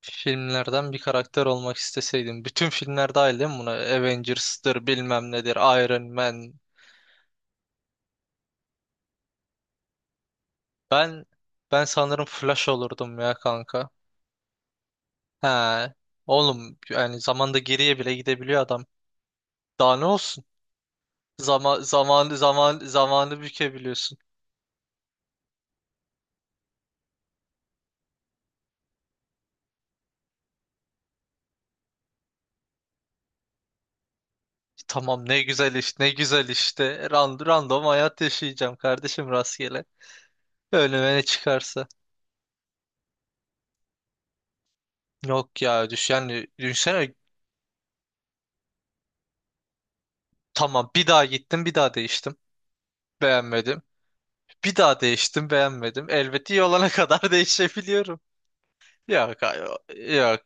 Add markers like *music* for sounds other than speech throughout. Filmlerden bir karakter olmak isteseydim. Bütün filmler dahil değil mi buna? Avengers'tır, bilmem nedir, Iron Man. Ben ben sanırım Flash olurdum ya kanka. He. Oğlum yani zamanda geriye bile gidebiliyor adam. Daha ne olsun? Zamanı bükebiliyorsun. Tamam ne güzel iş, ne güzel işte. Random hayat yaşayacağım kardeşim, rastgele. Önüme ne çıkarsa. Yok ya düş yani düşünsene, tamam bir daha gittim, bir daha değiştim. Beğenmedim. Bir daha değiştim, beğenmedim. Elbette iyi olana *laughs* kadar değişebiliyorum. Yok ay- yok Yok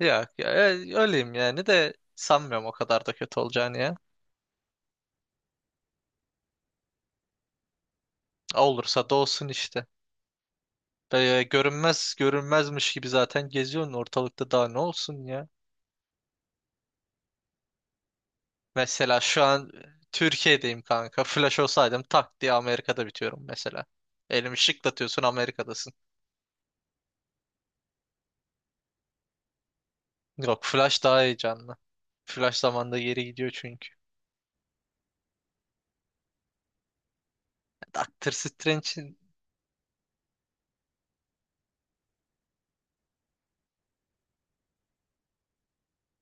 ya. Öyleyim yani de sanmıyorum o kadar da kötü olacağını ya. Olursa da olsun işte. Böyle görünmezmiş gibi zaten geziyorsun ortalıkta, daha ne olsun ya. Mesela şu an Türkiye'deyim kanka. Flash olsaydım tak diye Amerika'da bitiyorum mesela. Elimi şıklatıyorsun, Amerika'dasın. Yok, Flash daha heyecanlı. Flash zamanda geri gidiyor çünkü. Doctor Strange.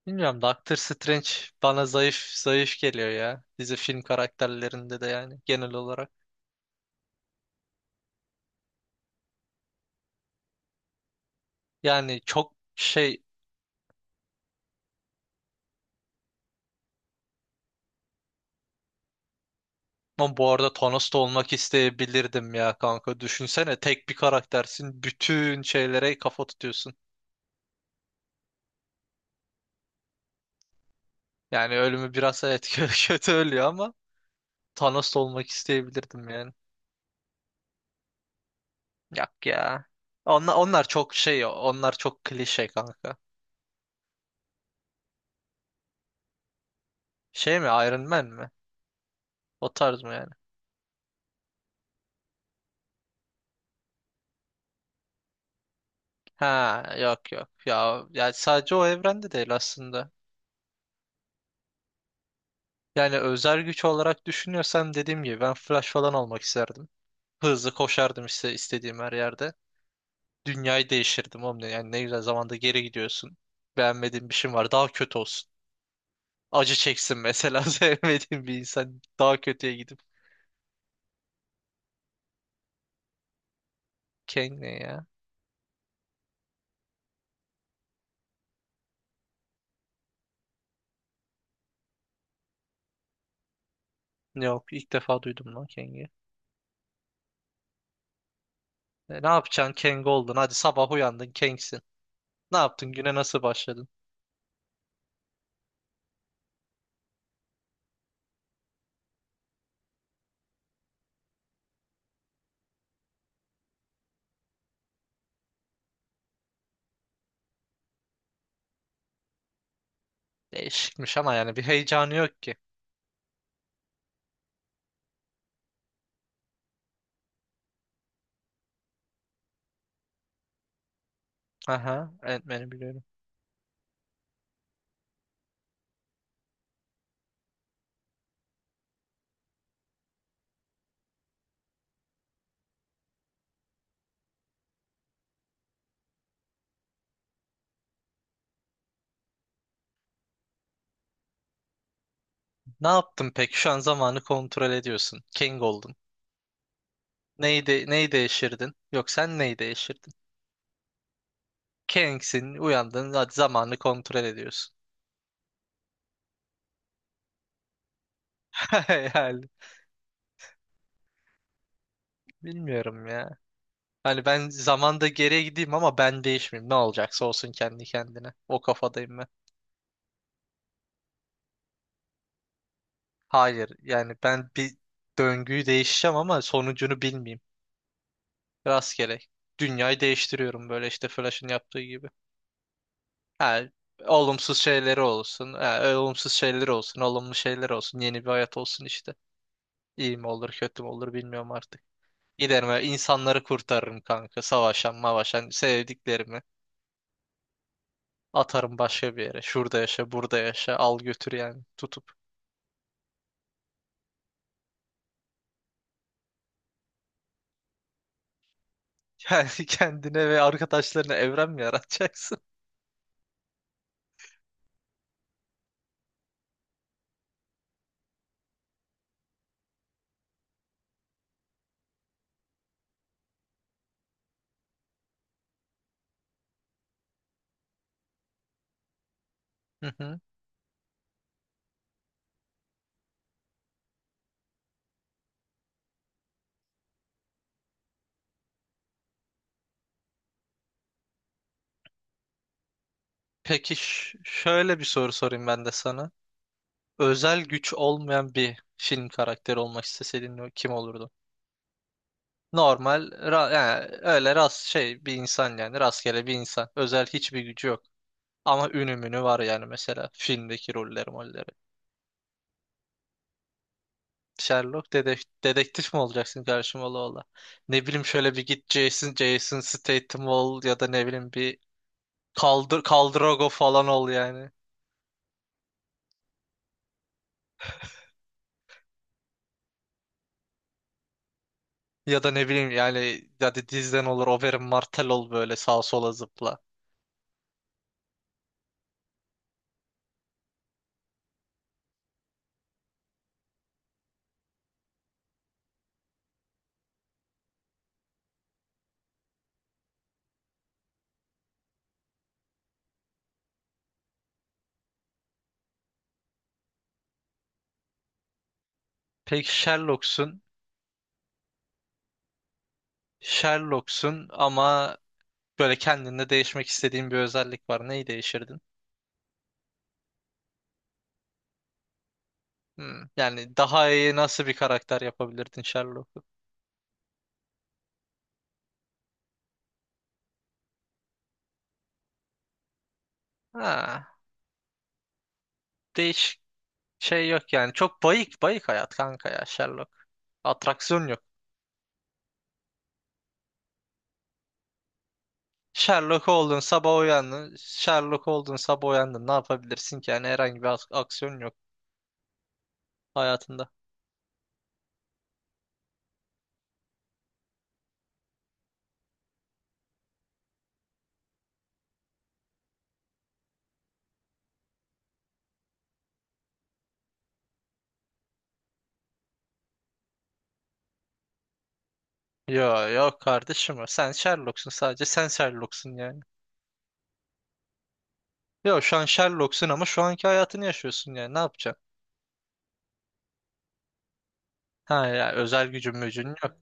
Bilmiyorum, Doctor Strange bana zayıf geliyor ya. Dizi film karakterlerinde de yani genel olarak. Yani çok şey, ama bu arada Thanos'ta olmak isteyebilirdim ya kanka. Düşünsene, tek bir karaktersin. Bütün şeylere kafa tutuyorsun. Yani ölümü biraz, evet, *laughs* kötü ölüyor ama Thanos'ta olmak isteyebilirdim yani. Yok ya. Onlar çok şey, onlar çok klişe kanka. Şey mi, Iron Man mi? O tarz mı yani? Ha yok, yok ya, yani sadece o evrende değil aslında. Yani özel güç olarak düşünüyorsam dediğim gibi ben Flash falan olmak isterdim. Hızlı koşardım işte istediğim her yerde. Dünyayı değiştirdim oğlum, yani ne güzel, zamanda geri gidiyorsun. Beğenmediğin bir şey var, daha kötü olsun. Acı çeksin mesela, *laughs* sevmediğin bir insan daha kötüye gidip. Kang ne ya? Yok, ilk defa duydum lan Kang'i. Ne yapacaksın Kang oldun, hadi sabah uyandın Kang'sin. Ne yaptın, güne nasıl başladın? Değişikmiş ama yani bir heyecanı yok ki. Aha, Ant-Man'i biliyorum. Ne yaptın peki? Şu an zamanı kontrol ediyorsun. King oldun. Neyi değiştirdin? Yok sen neyi değiştirdin? King'sin, uyandın, hadi zamanı kontrol ediyorsun. *laughs* Yani bilmiyorum ya. Hani ben zamanda geriye gideyim ama ben değişmeyeyim. Ne olacaksa olsun kendi kendine. O kafadayım ben. Hayır, yani ben bir döngüyü değişeceğim ama sonucunu bilmeyeyim. Rastgele. Dünyayı değiştiriyorum böyle işte Flash'ın yaptığı gibi. Ha, olumsuz şeyleri olsun. Ha, olumsuz şeyleri olsun. Olumlu şeyler olsun. Yeni bir hayat olsun işte. İyi mi olur kötü mü olur bilmiyorum artık. Giderim ve insanları kurtarırım kanka. Savaşan mavaşan sevdiklerimi. Atarım başka bir yere. Şurada yaşa, burada yaşa. Al götür yani tutup. *laughs* Yani kendine ve arkadaşlarına evren mi yaratacaksın? Hı hı. Peki, şöyle bir soru sorayım ben de sana. Özel güç olmayan bir film karakteri olmak isteseydin kim olurdu? Yani öyle şey bir insan, yani rastgele bir insan. Özel hiçbir gücü yok. Ama ünü münü var yani, mesela filmdeki rolleri molleri. Sherlock dedektif mi olacaksın karşıma ola ola? Ne bileyim, şöyle bir git Jason Statham ol, ya da ne bileyim bir Kaldrogo falan ol yani. Ya da ne bileyim yani, hadi dizden olur Oberyn Martell ol, böyle sağa sola zıpla. Peki Sherlock'sun. Sherlock'sun ama böyle kendinde değişmek istediğin bir özellik var. Neyi değişirdin? Hmm. Yani daha iyi nasıl bir karakter yapabilirdin Sherlock'u? Ha, değiş şey yok yani. Çok bayık bayık hayat kanka ya, Sherlock. Atraksiyon yok. Sherlock oldun sabah uyandın. Sherlock oldun sabah uyandın. Ne yapabilirsin ki? Yani herhangi bir aksiyon yok hayatında. Yo yok kardeşim o. Sen Sherlock'sun sadece. Sen Sherlock'sun yani. Yo, şu an Sherlock'sun ama şu anki hayatını yaşıyorsun yani. Ne yapacaksın? Ha ya, özel gücün mücün yok.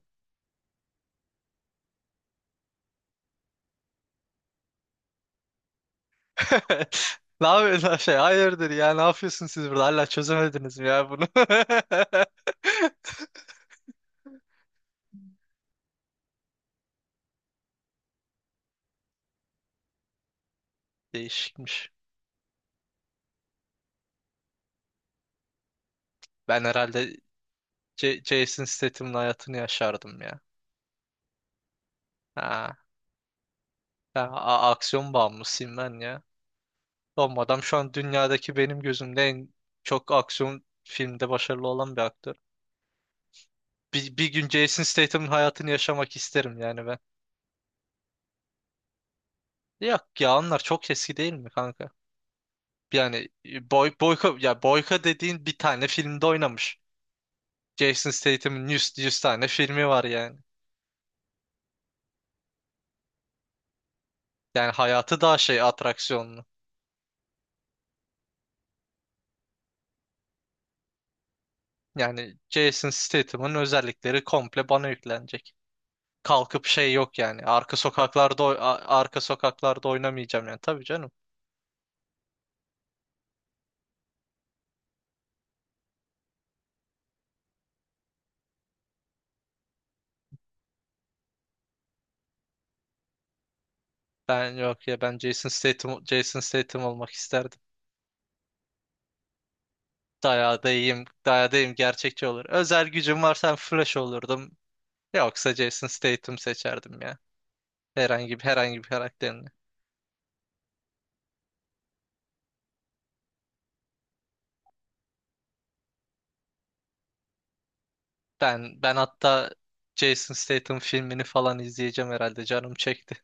*laughs* Ne yapıyorsun şey? Hayırdır ya, ne yapıyorsun siz burada? Hala çözemediniz mi ya bunu? *laughs* Değişikmiş. Ben herhalde Jason Statham'ın hayatını yaşardım ya. Ha, aksiyon bağımlısıyım ben ya. Oğlum adam şu an dünyadaki benim gözümde en çok aksiyon filmde başarılı olan bir aktör. Bir gün Jason Statham'ın hayatını yaşamak isterim yani ben. Yok ya, onlar çok eski değil mi kanka? Yani boyka, ya boyka dediğin bir tane filmde oynamış. Jason Statham'ın 100, 100 tane filmi var yani. Yani hayatı daha şey, atraksiyonlu. Yani Jason Statham'ın özellikleri komple bana yüklenecek. Kalkıp şey yok yani. Arka sokaklarda arka sokaklarda oynamayacağım yani. Tabii canım. Ben yok ya, ben Jason Statham olmak isterdim. Dayağı da iyiyim. Dayağı da iyiyim. Gerçekçi olur. Özel gücüm varsa Flash olurdum. Yoksa Jason Statham seçerdim ya. Herhangi bir karakterin. Ben hatta Jason Statham filmini falan izleyeceğim herhalde. Canım çekti.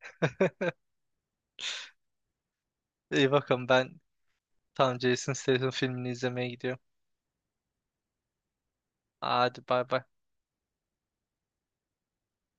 *laughs* İyi bakın, ben tam Jason Statham filmini izlemeye gidiyorum. Hadi bay bay.